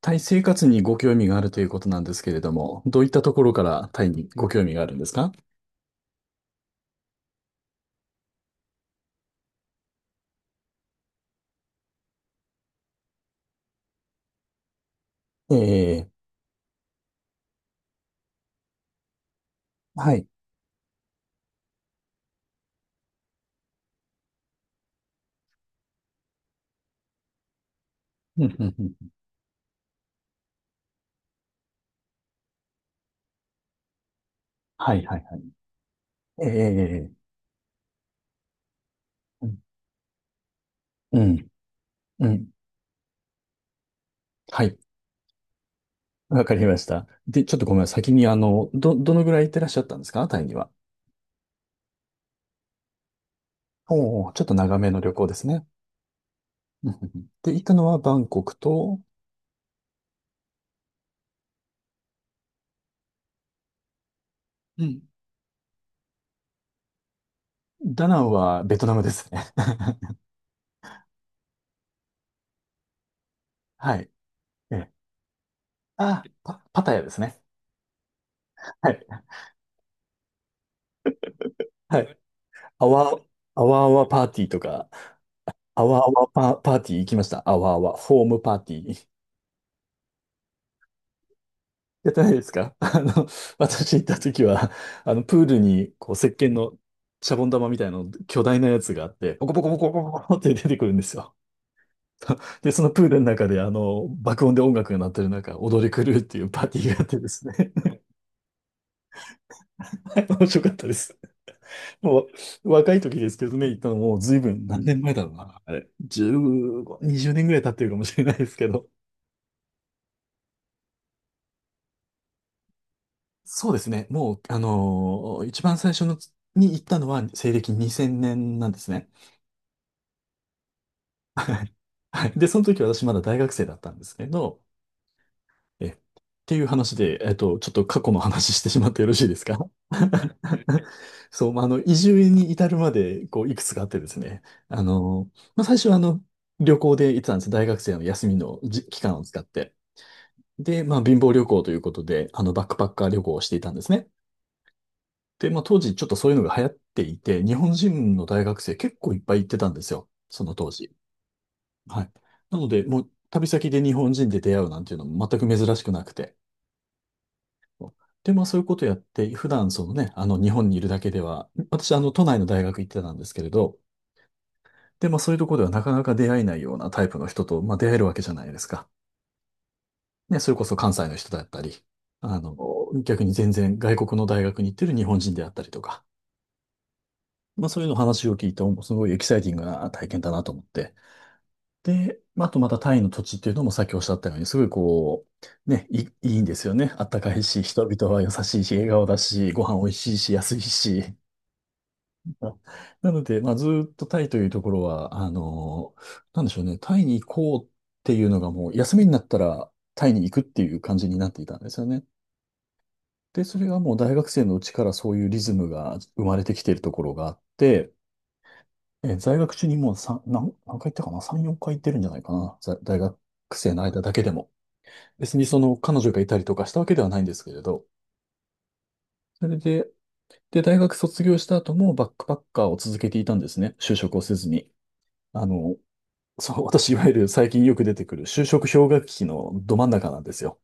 タイ生活にご興味があるということなんですけれども、どういったところからタイにご興味があるんですか？ええ、はい。うんうんうん。はい、はい、はい。ええ、うん、うん。はい。わかりました。で、ちょっとごめん先に、あの、どのぐらい行ってらっしゃったんですかタイには。おお、ちょっと長めの旅行ですね。うんうんうん。で、行ったのはバンコクと、うん。ダナンはベトナムですね。はい。ええ、パタヤですね。はい。はい、あわ、あわあわパーティーとか、あわあわパーティー行きました。あわあわ、ホームパーティー。やってないですか？ あの、私行った時は、あの、プールに、こう、石鹸のシャボン玉みたいなの、巨大なやつがあって、ポコポコポコポコポコって出てくるんですよ。で、そのプールの中で、あの、爆音で音楽が鳴ってる中、踊り狂うっていうパーティーがあってですね。はい、面白かったです。もう、若い時ですけどね、行ったのもう随分、何年前だろうな。あれ、15、20年ぐらい経ってるかもしれないですけど。そうですね。もう、一番最初のに行ったのは西暦2000年なんですね。はい。で、その時私まだ大学生だったんですけど、っていう話で、ちょっと過去の話してしまってよろしいですか？ そう、まあ、あの、移住に至るまで、こう、いくつかあってですね。まあ、最初はあの、旅行で行ってたんです。大学生の休みの期間を使って。で、まあ、貧乏旅行ということで、あの、バックパッカー旅行をしていたんですね。で、まあ当時ちょっとそういうのが流行っていて、日本人の大学生結構いっぱい行ってたんですよ、その当時。はい。なので、もう旅先で日本人で出会うなんていうのも全く珍しくなくて。で、まあそういうことやって、普段そのね、あの日本にいるだけでは、私あの都内の大学行ってたんですけれど、で、まあそういうところではなかなか出会えないようなタイプの人と、まあ出会えるわけじゃないですか。ね、それこそ関西の人だったり、あの、逆に全然外国の大学に行ってる日本人であったりとか。まあそういうの話を聞いて、すごいエキサイティングな体験だなと思って。で、まああとまたタイの土地っていうのもさっきおっしゃったように、すごいこう、ね、いいんですよね。あったかいし、人々は優しいし、笑顔だし、ご飯美味しいし、安いし。あなので、まあずーっとタイというところは、なんでしょうね、タイに行こうっていうのがもう、休みになったらタイに行くっていう感じになっていたんですよね。で、それがもう大学生のうちからそういうリズムが生まれてきているところがあって、在学中にもう3、何回行ったかな？ 3、4回行ってるんじゃないかな。大学生の間だけでも。別にその彼女がいたりとかしたわけではないんですけれど、それで、大学卒業した後もバックパッカーを続けていたんですね。就職をせずに。あの、そう、私、いわゆる最近よく出てくる就職氷河期のど真ん中なんですよ。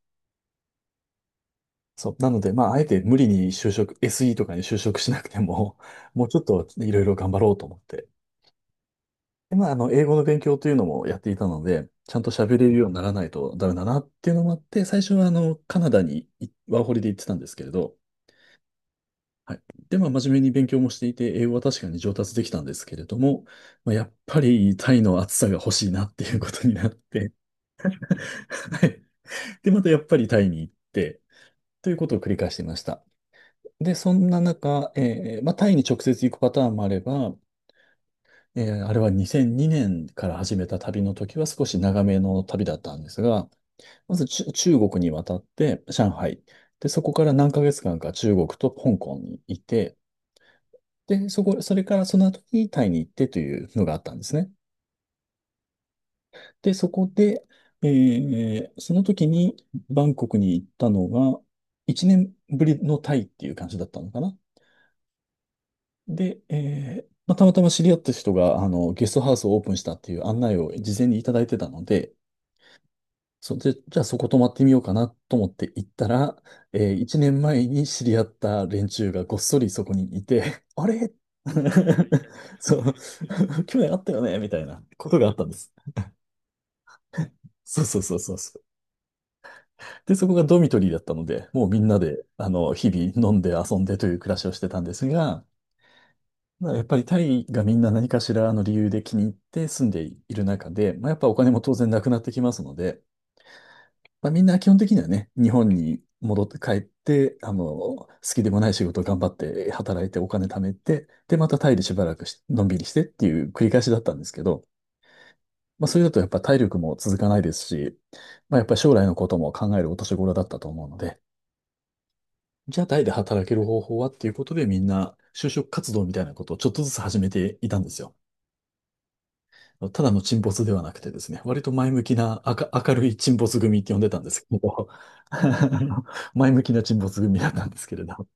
そう。なので、まあ、あえて無理に就職、SE とかに就職しなくても、もうちょっといろいろ頑張ろうと思って。で、まあ、あの、英語の勉強というのもやっていたので、ちゃんと喋れるようにならないとダメだなっていうのもあって、最初はあの、カナダにワーホリで行ってたんですけれど、はい。で、まあ、真面目に勉強もしていて、英語は確かに上達できたんですけれども、まあ、やっぱりタイの暑さが欲しいなっていうことになって、はい。で、またやっぱりタイに行って、ということを繰り返していました。で、そんな中、まあ、タイに直接行くパターンもあれば、あれは2002年から始めた旅の時は少し長めの旅だったんですが、まず中国に渡って、上海。で、そこから何ヶ月間か中国と香港にいて、で、それからその後にタイに行ってというのがあったんですね。で、そこで、その時にバンコクに行ったのが、1年ぶりのタイっていう感じだったのかな。で、まあ、たまたま知り合った人が、あの、ゲストハウスをオープンしたっていう案内を事前にいただいてたので、それで、じゃあそこ泊まってみようかなと思って行ったら、1年前に知り合った連中がごっそりそこにいて、あれ？ そう、去年あったよねみたいなことがあったんです。そうそうそうそうそう。で、そこがドミトリーだったので、もうみんなで、あの、日々飲んで遊んでという暮らしをしてたんですが、まあ、やっぱりタイがみんな何かしらの理由で気に入って住んでいる中で、まあ、やっぱお金も当然なくなってきますので、まあ、みんな基本的にはね、日本に戻って帰って、あの、好きでもない仕事を頑張って働いてお金貯めて、で、またタイでしばらくしのんびりしてっていう繰り返しだったんですけど、まあ、それだとやっぱ体力も続かないですし、まあ、やっぱり将来のことも考えるお年頃だったと思うので、じゃあタイで働ける方法はっていうことでみんな就職活動みたいなことをちょっとずつ始めていたんですよ。ただの沈没ではなくてですね、割と前向きな、明るい沈没組って呼んでたんですけど、あの前向きな沈没組だったんですけれど。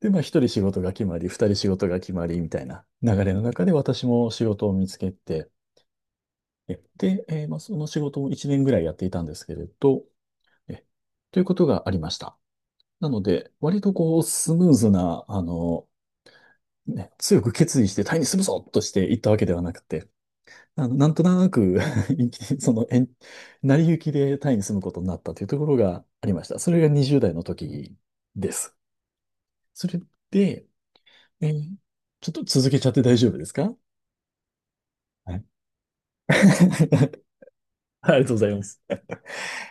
で、まあ一人仕事が決まり、二人仕事が決まりみたいな流れの中で私も仕事を見つけて、で、まあ、その仕事を一年ぐらいやっていたんですけれど、えということがありました。なので、割とこう、スムーズな、あの、ね、強く決意してタイにするぞとしていったわけではなくて、あの、なんとなく 延期その、延成り行きでタイに住むことになったというところがありました。それが20代の時です。それで、えーちょっと続けちゃって大丈夫ですか？はい。ありがとうございます。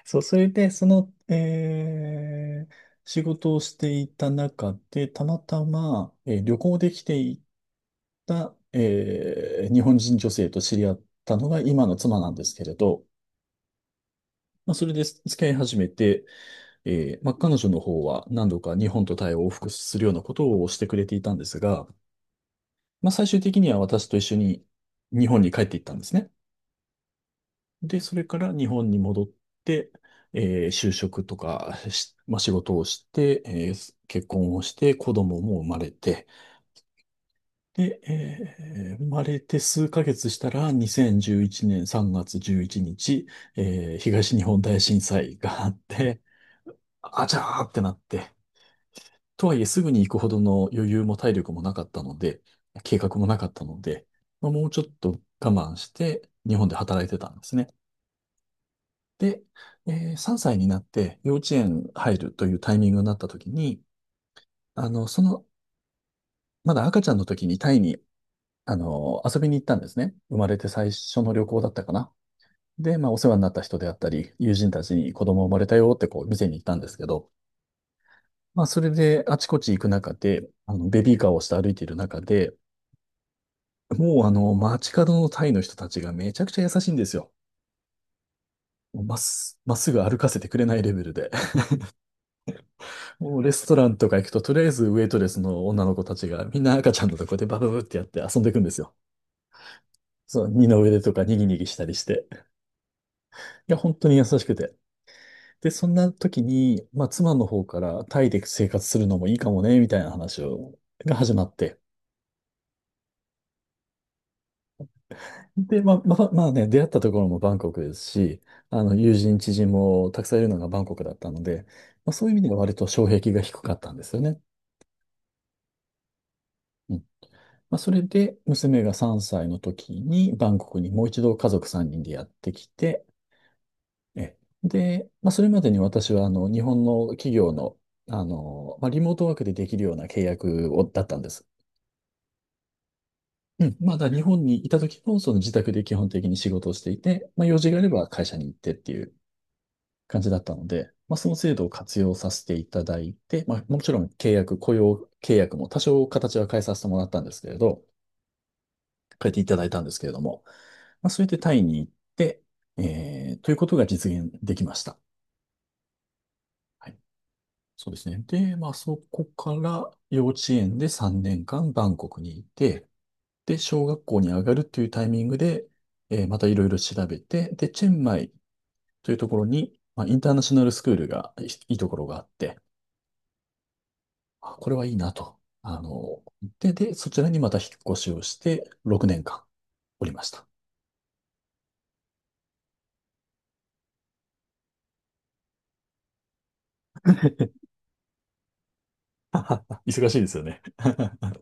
そう、それで、その、えー仕事をしていた中で、たまたま、旅行で来ていた、日本人女性と知り合ったのが今の妻なんですけれど、まあ、それで付き合い始めて、まあ、彼女の方は何度か日本とタイを往復するようなことをしてくれていたんですが、まあ、最終的には私と一緒に日本に帰っていったんですね。で、それから日本に戻って、就職とかし、まあ、仕事をして、結婚をして、子供も生まれて、で、生まれて数ヶ月したら、2011年3月11日、東日本大震災があって、あちゃーってなって、とはいえ、すぐに行くほどの余裕も体力もなかったので、計画もなかったので、まあ、もうちょっと我慢して、日本で働いてたんですね。で、3歳になって幼稚園入るというタイミングになった時に、あの、その、まだ赤ちゃんの時にタイに、遊びに行ったんですね。生まれて最初の旅行だったかな。で、まあ、お世話になった人であったり、友人たちに子供生まれたよってこう、店に行ったんですけど、まあ、それであちこち行く中で、ベビーカーをして歩いている中で、もうあの、街角のタイの人たちがめちゃくちゃ優しいんですよ。もうまっす、まっすぐ歩かせてくれないレベルで。もうレストランとか行くと、とりあえずウェイトレスの女の子たちがみんな赤ちゃんのとこでバブブってやって遊んでいくんですよ。そう、二の腕とかにぎにぎしたりして。いや、本当に優しくて。で、そんな時に、まあ、妻の方からタイで生活するのもいいかもね、みたいな話が始まって。で、まあね、出会ったところもバンコクですし、友人、知人もたくさんいるのがバンコクだったので、まあ、そういう意味では割と障壁が低かったんですよね。うん。まあ、それで、娘が3歳の時にバンコクにもう一度家族3人でやってきて、え、で、まあ、それまでに私は、日本の企業の、まあ、リモートワークでできるような契約を、だったんです。うん。まだ日本にいた時も、その自宅で基本的に仕事をしていて、まあ、用事があれば会社に行ってっていう感じだったので、まあ、その制度を活用させていただいて、まあ、もちろん契約、雇用契約も多少形は変えさせてもらったんですけれど、変えていただいたんですけれども、まあ、それでタイに行って、ということが実現できました。はい。そうですね。で、まあ、そこから幼稚園で3年間バンコクにいて、で、小学校に上がるというタイミングで、またいろいろ調べて、で、チェンマイというところに、まあ、インターナショナルスクールがいいところがあって、あ、これはいいなと。あの、で、で、そちらにまた引っ越しをして、6年間おりました。忙しいですよね。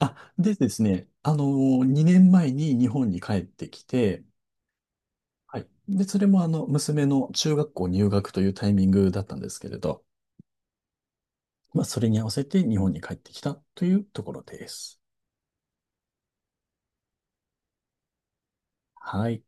あ、でですね、あの、2年前に日本に帰ってきて、はい。で、それも娘の中学校入学というタイミングだったんですけれど、まあ、それに合わせて日本に帰ってきたというところです。はい。